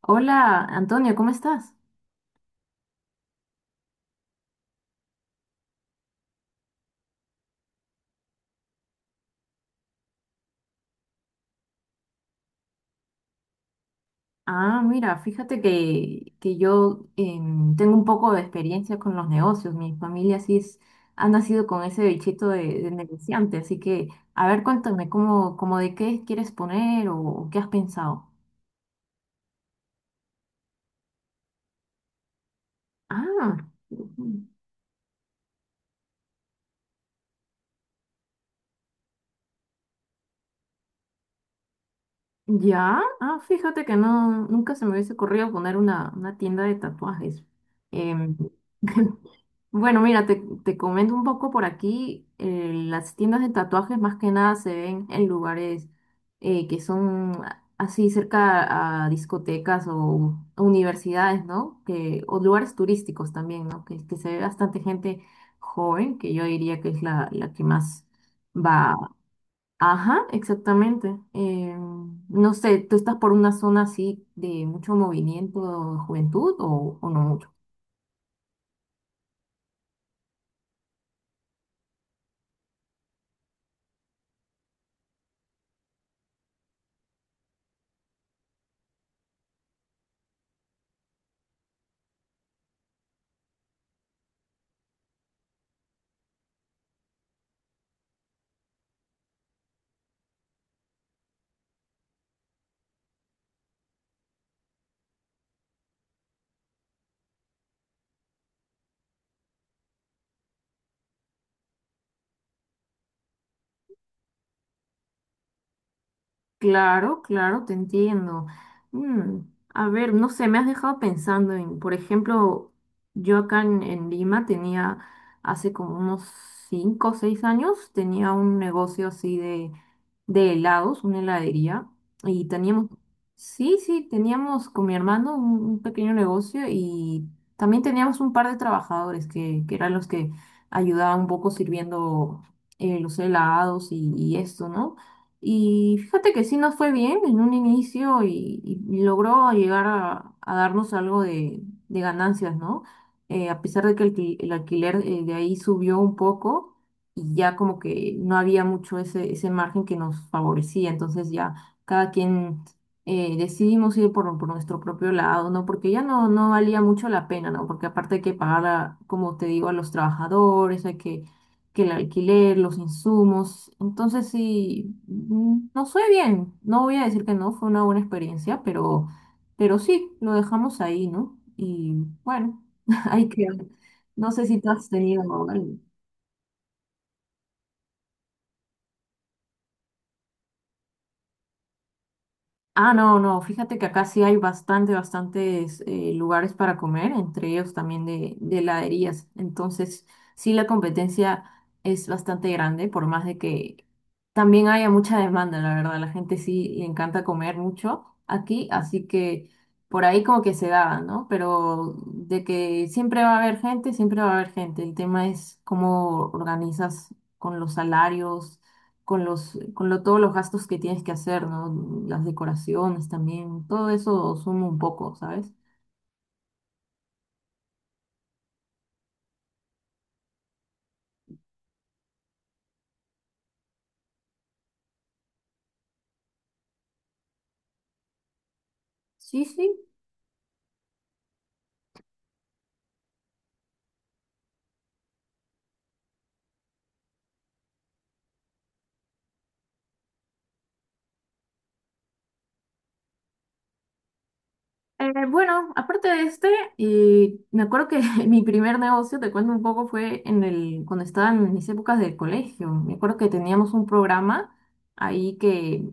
Hola, Antonio, ¿cómo estás? Ah, mira, fíjate que yo tengo un poco de experiencia con los negocios. Mi familia sí es, ha nacido con ese bichito de negociante, así que, a ver, cuéntame, ¿ cómo de qué quieres poner o qué has pensado? Ah, ujú. Ya, ah, fíjate que no, nunca se me hubiese ocurrido poner una tienda de tatuajes. Em, Bueno, mira, te comento un poco por aquí. Las tiendas de tatuajes más que nada se ven en lugares que son así cerca a discotecas o universidades, ¿no? Que, o lugares turísticos también, ¿no? Que se ve bastante gente joven, que yo diría que es la que más va. Ajá, exactamente. No sé, ¿tú estás por una zona así de mucho movimiento de juventud o no mucho? Claro, claro, te entiendo. Mm, a ver, no sé, me has dejado pensando en, por ejemplo, yo acá en Lima tenía, hace como unos 5 o 6 años, tenía un negocio así de helados, una heladería, y teníamos, sí, sí, teníamos con mi hermano un pequeño negocio y también teníamos un par de trabajadores que eran los que ayudaban un poco sirviendo los helados y esto, ¿no? Y fíjate que sí nos fue bien en un inicio y logró llegar a darnos algo de ganancias, ¿no? A pesar de que el, el alquiler de ahí subió un poco y ya como que no había mucho ese, ese margen que nos favorecía, entonces ya cada quien decidimos ir por nuestro propio lado, ¿no? Porque ya no, no valía mucho la pena, ¿no? Porque aparte hay que pagar, como te digo, a los trabajadores, hay que el alquiler, los insumos. Entonces sí, nos fue bien. No voy a decir que no, fue una buena experiencia, pero sí, lo dejamos ahí, ¿no? Y bueno, hay que... No sé si tú has tenido algo. Ah, no, no, fíjate que acá sí hay bastante, bastantes lugares para comer, entre ellos también de heladerías. Entonces, sí, la competencia es bastante grande, por más de que también haya mucha demanda, la verdad. La gente sí le encanta comer mucho aquí, así que por ahí como que se da, ¿no? Pero de que siempre va a haber gente, siempre va a haber gente. El tema es cómo organizas con los salarios con los, con lo, todos los gastos que tienes que hacer, ¿no? Las decoraciones también, todo eso suma un poco, ¿sabes? Sí, sí. Bueno, aparte de este, me acuerdo que mi primer negocio, te cuento un poco, fue en el, cuando estaba en mis épocas del colegio. Me acuerdo que teníamos un programa ahí que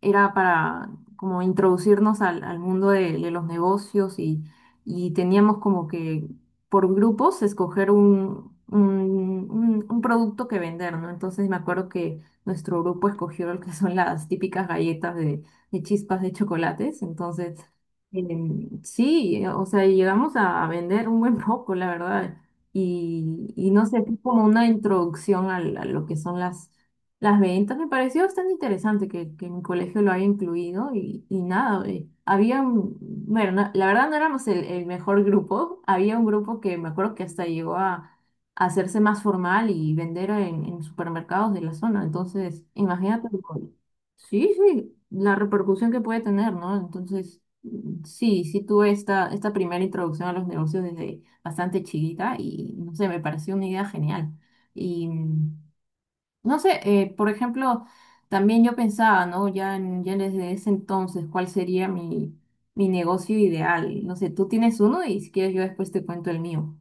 era para como introducirnos al mundo de los negocios y teníamos como que por grupos escoger un, un producto que vender, ¿no? Entonces me acuerdo que nuestro grupo escogió lo que son las típicas galletas de chispas de chocolates. Entonces... sí, o sea, y llegamos a vender un buen poco, la verdad. Y no sé, fue como una introducción a, lo que son las ventas. Me pareció bastante interesante que mi colegio lo haya incluido y nada, había, bueno, la verdad no éramos el mejor grupo. Había un grupo que me acuerdo que hasta llegó a hacerse más formal y vender en supermercados de la zona. Entonces, imagínate, sí, sí, la repercusión que puede tener, ¿no? Entonces... Sí, sí tuve esta, esta primera introducción a los negocios desde bastante chiquita y no sé, me pareció una idea genial. Y no sé, por ejemplo, también yo pensaba, ¿no? Ya, ya desde ese entonces, ¿cuál sería mi, mi negocio ideal? No sé, tú tienes uno y si quieres yo después te cuento el mío.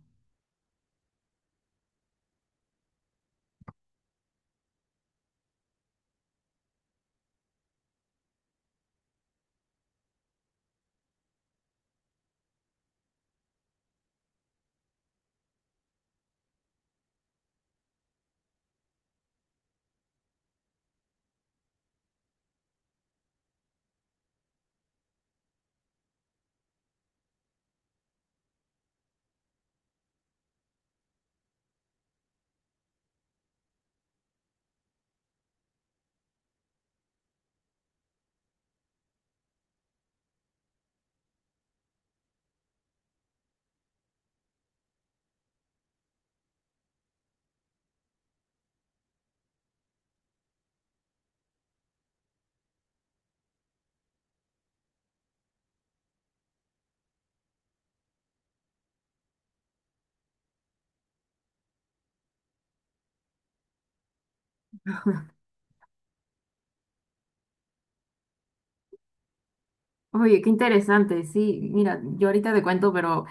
Oye, qué interesante, sí, mira, yo ahorita te cuento, pero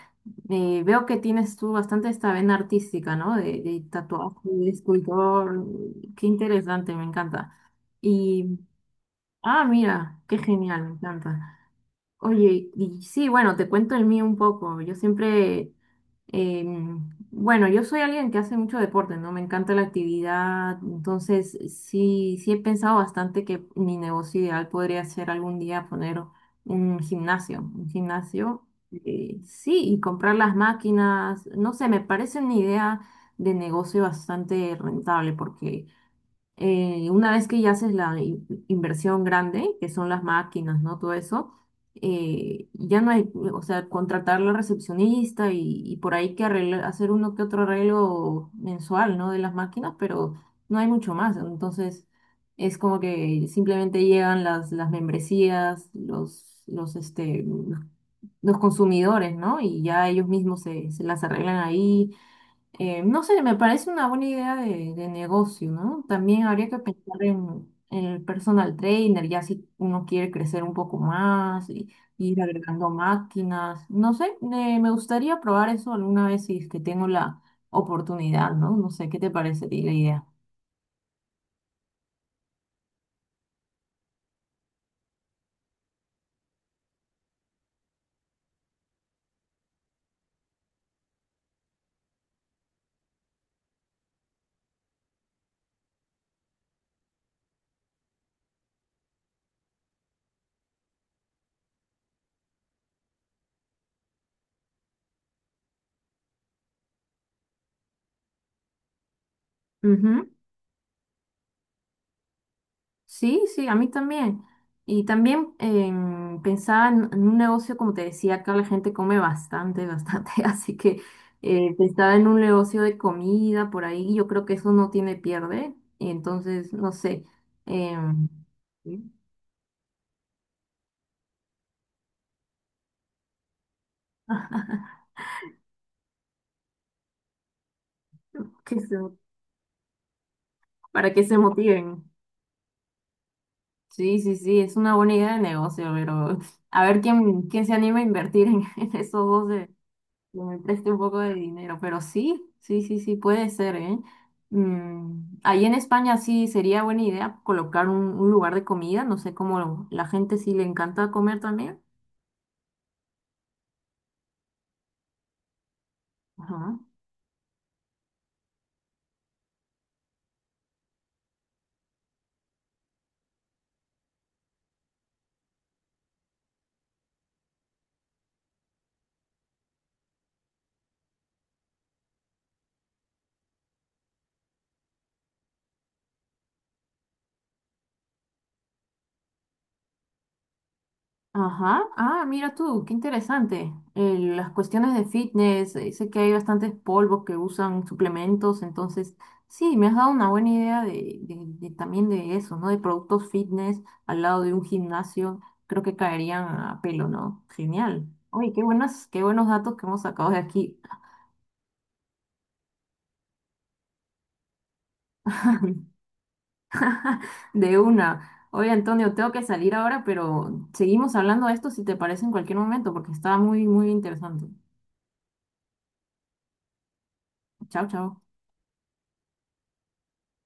veo que tienes tú bastante esta vena artística, ¿no? De tatuaje, de escultor, qué interesante, me encanta. Y, ah, mira, qué genial, me encanta. Oye, y sí, bueno, te cuento el mío un poco. Yo siempre, bueno, yo soy alguien que hace mucho deporte, ¿no? Me encanta la actividad, entonces sí, sí he pensado bastante que mi negocio ideal podría ser algún día poner un gimnasio, sí, y comprar las máquinas, no sé, me parece una idea de negocio bastante rentable porque una vez que ya haces la inversión grande, que son las máquinas, ¿no? Todo eso, ya no hay, o sea, contratar la recepcionista y por ahí que hacer uno que otro arreglo mensual, ¿no? De las máquinas, pero no hay mucho más. Entonces, es como que simplemente llegan las membresías, los, este, los consumidores, ¿no? Y ya ellos mismos se, se las arreglan ahí no sé, me parece una buena idea de negocio, ¿no? También habría que pensar en el personal trainer, ya si uno quiere crecer un poco más y ir agregando máquinas. No sé, me gustaría probar eso alguna vez si es que tengo la oportunidad, ¿no? No sé, ¿qué te parece a ti la idea? Sí, sí, a mí también. Y también pensaba en un negocio, como te decía, acá la gente come bastante, bastante, así que pensaba en un negocio de comida por ahí, y yo creo que eso no tiene pierde, Y entonces, no sé, em, Sí. que se- para que se motiven. Sí, sí, sí, es una buena idea de negocio, pero a ver quién, quién se anima a invertir en, en esos dos que me preste un poco de dinero, pero sí, sí, sí, sí, puede ser, ¿eh? Ahí en España sí sería buena idea colocar un lugar de comida, no sé cómo la gente sí le encanta comer también. Ajá, ah, mira tú, qué interesante. Las cuestiones de fitness, sé que hay bastantes polvos que usan suplementos, entonces sí, me has dado una buena idea de, de también de eso, ¿no? De productos fitness al lado de un gimnasio, creo que caerían a pelo, ¿no? Genial. Oye, qué buenas, qué buenos datos que hemos sacado de aquí, de una. Oye, Antonio, tengo que salir ahora, pero seguimos hablando de esto si te parece en cualquier momento, porque está muy, muy interesante. Chao, chao.